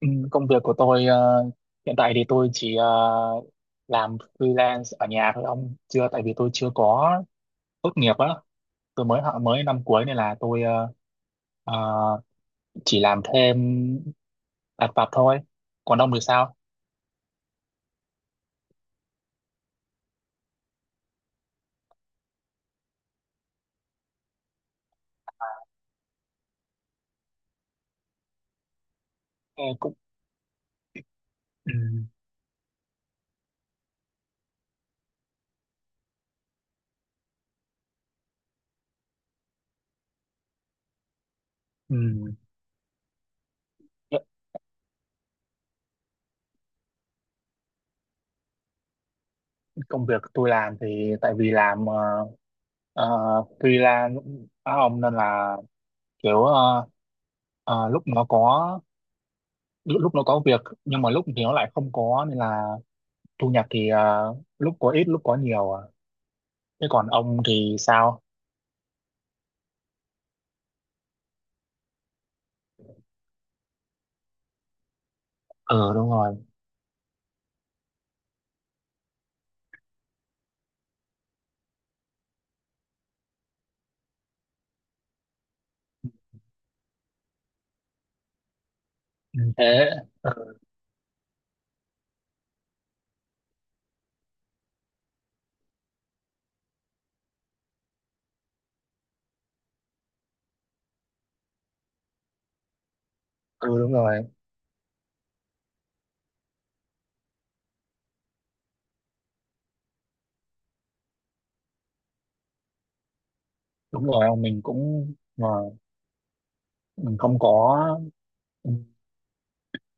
Ừ, công việc của tôi hiện tại thì tôi chỉ làm freelance ở nhà thôi ông, chưa tại vì tôi chưa có tốt nghiệp á. Tôi mới năm cuối nên là tôi ờ, chỉ làm thêm lặt vặt thôi. Còn ông thì sao? Ờ, cũng ừ, ừ. Hiện công việc tôi làm thì tại vì làm ờ, freelance á ông, nên là kiểu lúc nó có lúc nó có việc, nhưng mà lúc thì nó lại không có, nên là thu nhập thì lúc có ít lúc có nhiều à. Thế còn ông thì sao? Ừ, đúng rồi. Ừ, thế ừ, ừ, đúng rồi, đúng rồi ông. Mình cũng mà mình không có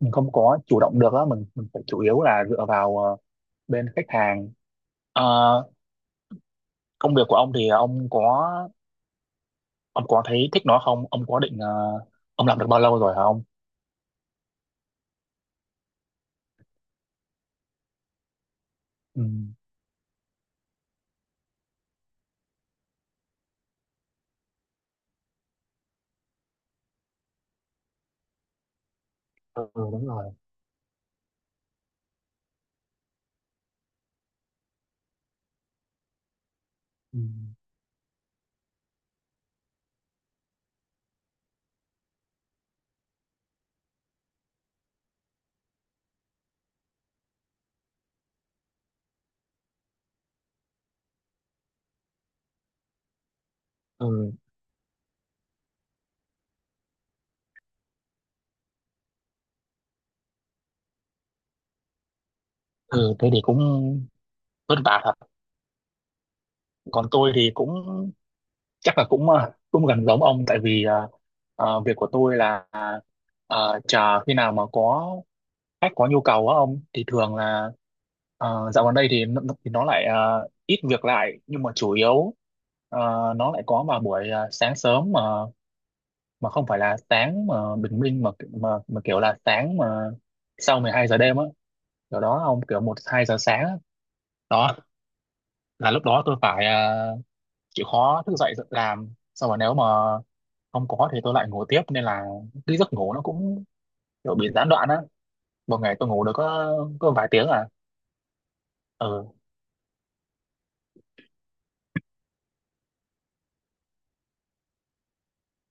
mình không có chủ động được á, mình phải chủ yếu là dựa vào bên khách hàng. Ờ, công việc của ông thì ông có thấy thích nó không? Ông có định ông làm được bao lâu rồi hả ông? Ừ, ừ đúng rồi. Ừ, ừ, ừ, thế thì cũng vất vả thật. Còn tôi thì cũng chắc là cũng cũng gần giống ông, tại vì việc của tôi là chờ khi nào mà có khách có nhu cầu á ông, thì thường là dạo gần đây thì thì nó lại ít việc lại, nhưng mà chủ yếu ờ, nó lại có vào buổi sáng sớm, mà không phải là sáng mà bình minh, mà mà kiểu là sáng mà sau 12 giờ đêm á, kiểu đó ông, kiểu một hai giờ sáng á. Đó là lúc đó tôi phải chịu khó thức dậy làm, xong rồi nếu mà không có thì tôi lại ngủ tiếp, nên là cái giấc ngủ nó cũng kiểu bị gián đoạn á. Một ngày tôi ngủ được có vài tiếng à. Ừ.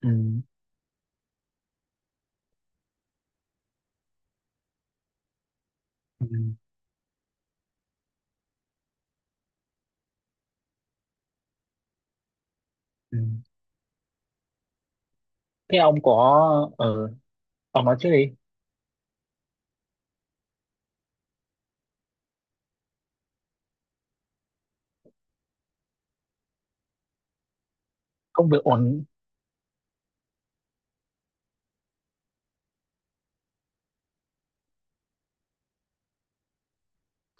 Ừ. Ừ. Ừ. Thế ông có ừ. Ông nói trước đi. Công việc ổn.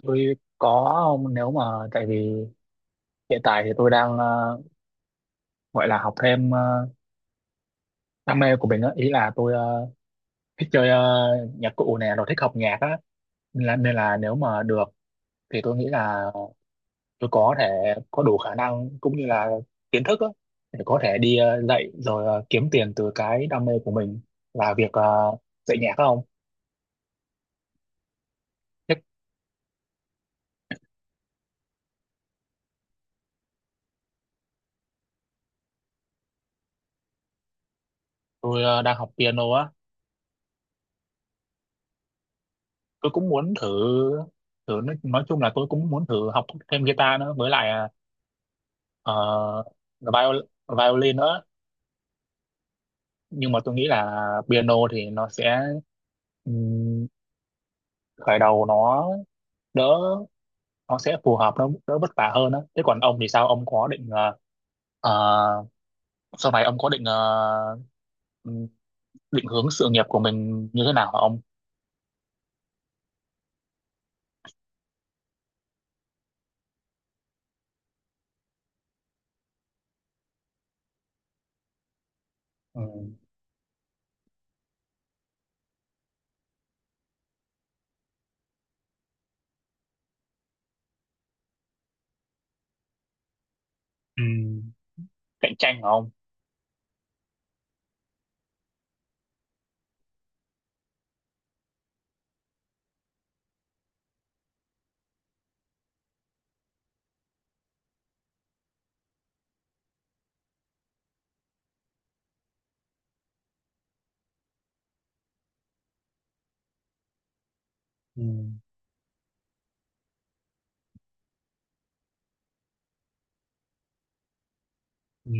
Tôi có ông, nếu mà tại vì hiện tại thì tôi đang gọi là học thêm đam mê của mình á, ý là tôi thích chơi nhạc cụ nè, rồi thích học nhạc á, nên là nếu mà được thì tôi nghĩ là tôi có thể có đủ khả năng cũng như là kiến thức á, để có thể đi dạy, rồi kiếm tiền từ cái đam mê của mình, là việc dạy nhạc không? Thế tôi đang học piano á. Tôi cũng muốn thử thử nói chung là tôi cũng muốn thử học thêm guitar nữa, với lại ờ, ờ, viol, violin nữa. Nhưng mà tôi nghĩ là piano thì nó sẽ ừm, khởi đầu nó đỡ, nó sẽ phù hợp, nó đỡ vất vả hơn á. Thế còn ông thì sao? Ông có định ờ, sau này ông có định ừm, định hướng sự nghiệp của mình như thế nào hả ông? Ừ, ừ, cạnh tranh hả ông? Ừ, ừ.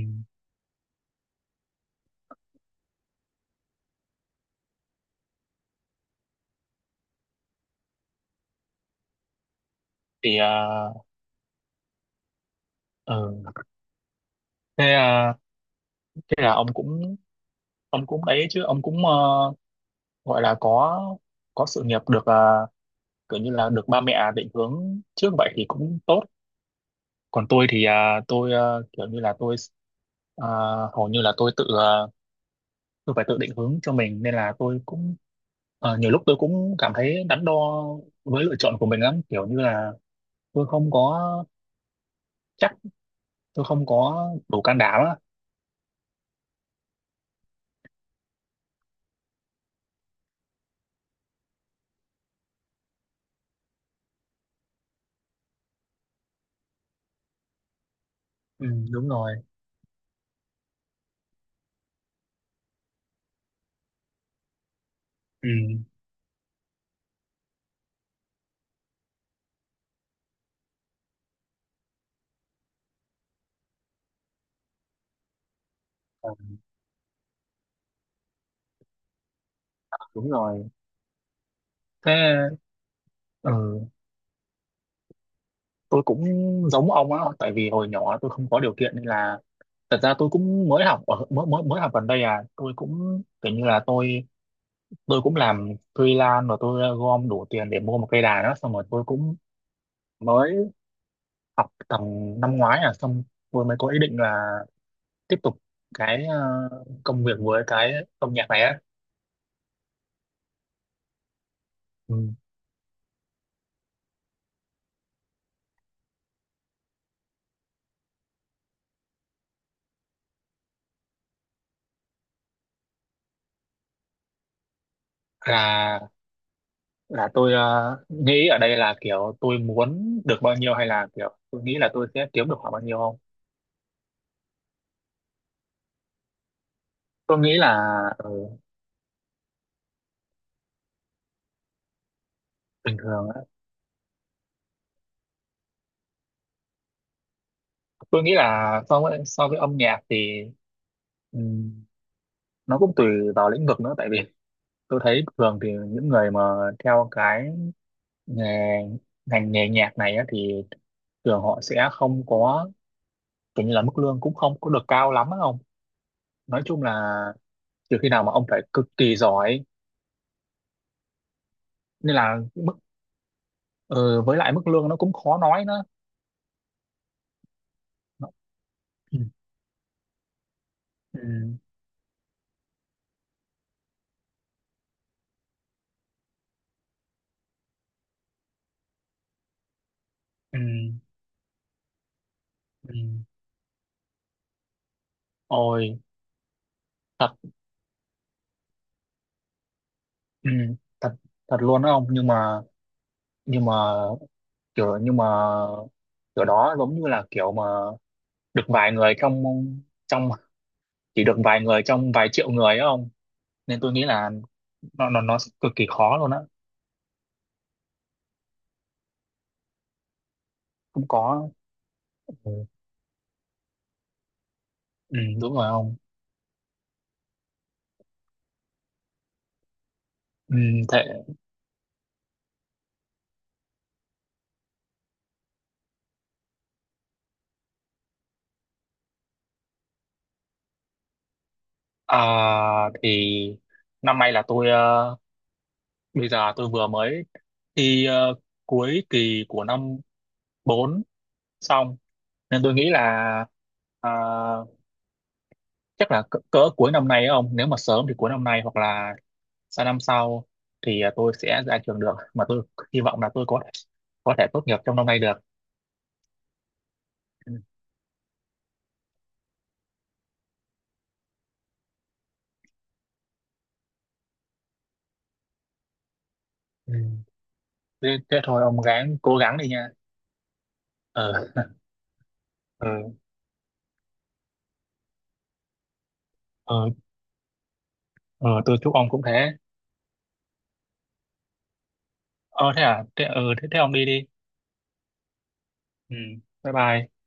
Thì ừ. Thế thế là ông cũng đấy chứ, ông cũng gọi là có sự nghiệp được kiểu như là được ba mẹ định hướng trước vậy thì cũng tốt. Còn tôi thì tôi kiểu như là tôi ờ, hầu như là tôi tự tôi phải tự định hướng cho mình, nên là tôi cũng nhiều lúc tôi cũng cảm thấy đắn đo với lựa chọn của mình lắm, kiểu như là tôi không có chắc, tôi không có đủ can đảm á. Ừ, đúng rồi. Ừ. ờ, Đúng rồi. Thế ừ, tôi cũng giống ông á, tại vì hồi nhỏ tôi không có điều kiện, nên là thật ra tôi cũng mới học ở mới mới mới học gần đây à. Tôi cũng kiểu như là tôi cũng làm freelance, và tôi gom đủ tiền để mua một cây đàn đó, xong rồi tôi cũng mới tầm năm ngoái à. Xong tôi mới có ý định là tiếp tục cái công việc với cái âm nhạc này á. Ừ. là là tôi nghĩ ở đây là kiểu tôi muốn được bao nhiêu, hay là kiểu tôi nghĩ là tôi sẽ kiếm được khoảng bao nhiêu không? Tôi nghĩ là ừ, bình thường á. Tôi nghĩ là so với âm nhạc thì ừm, nó cũng tùy vào lĩnh vực nữa, tại vì tôi thấy thường thì những người mà theo cái nghề ngành nghề nhạc này á, thì thường họ sẽ không có, kiểu như là mức lương cũng không có được cao lắm á ông. Nói chung là trừ khi nào mà ông phải cực kỳ giỏi, nên là mức ờ, với lại mức lương nó cũng khó nói nữa. Nó- ừ, ừ, ừ, ừ. Ôi thật. Ừ, thật thật luôn đó ông, nhưng mà nhưng mà kiểu nhưng mà kiểu đó giống như là kiểu mà được vài người trong trong chỉ được vài người trong vài triệu người á ông, nên tôi nghĩ là nó cực kỳ khó luôn á. Không có. Ừ, ừ, đúng rồi ông. Ừ, thế. À, thì năm nay là tôi bây giờ tôi vừa mới thi cuối kỳ của năm 4 xong, nên tôi nghĩ là ờ, chắc là cỡ cuối năm nay ấy ông, nếu mà sớm thì cuối năm nay hoặc là sang năm sau thì tôi sẽ ra trường được, mà tôi hy vọng là tôi có thể tốt nghiệp trong năm nay được. Ừ. Ừ. Thế, thôi ông cố gắng đi nha. ờ ờ ờ ờ, tôi chúc ông cũng thế. Ờ, thế à? Thế thế, thế ông đi đi. Ừ, bye bye.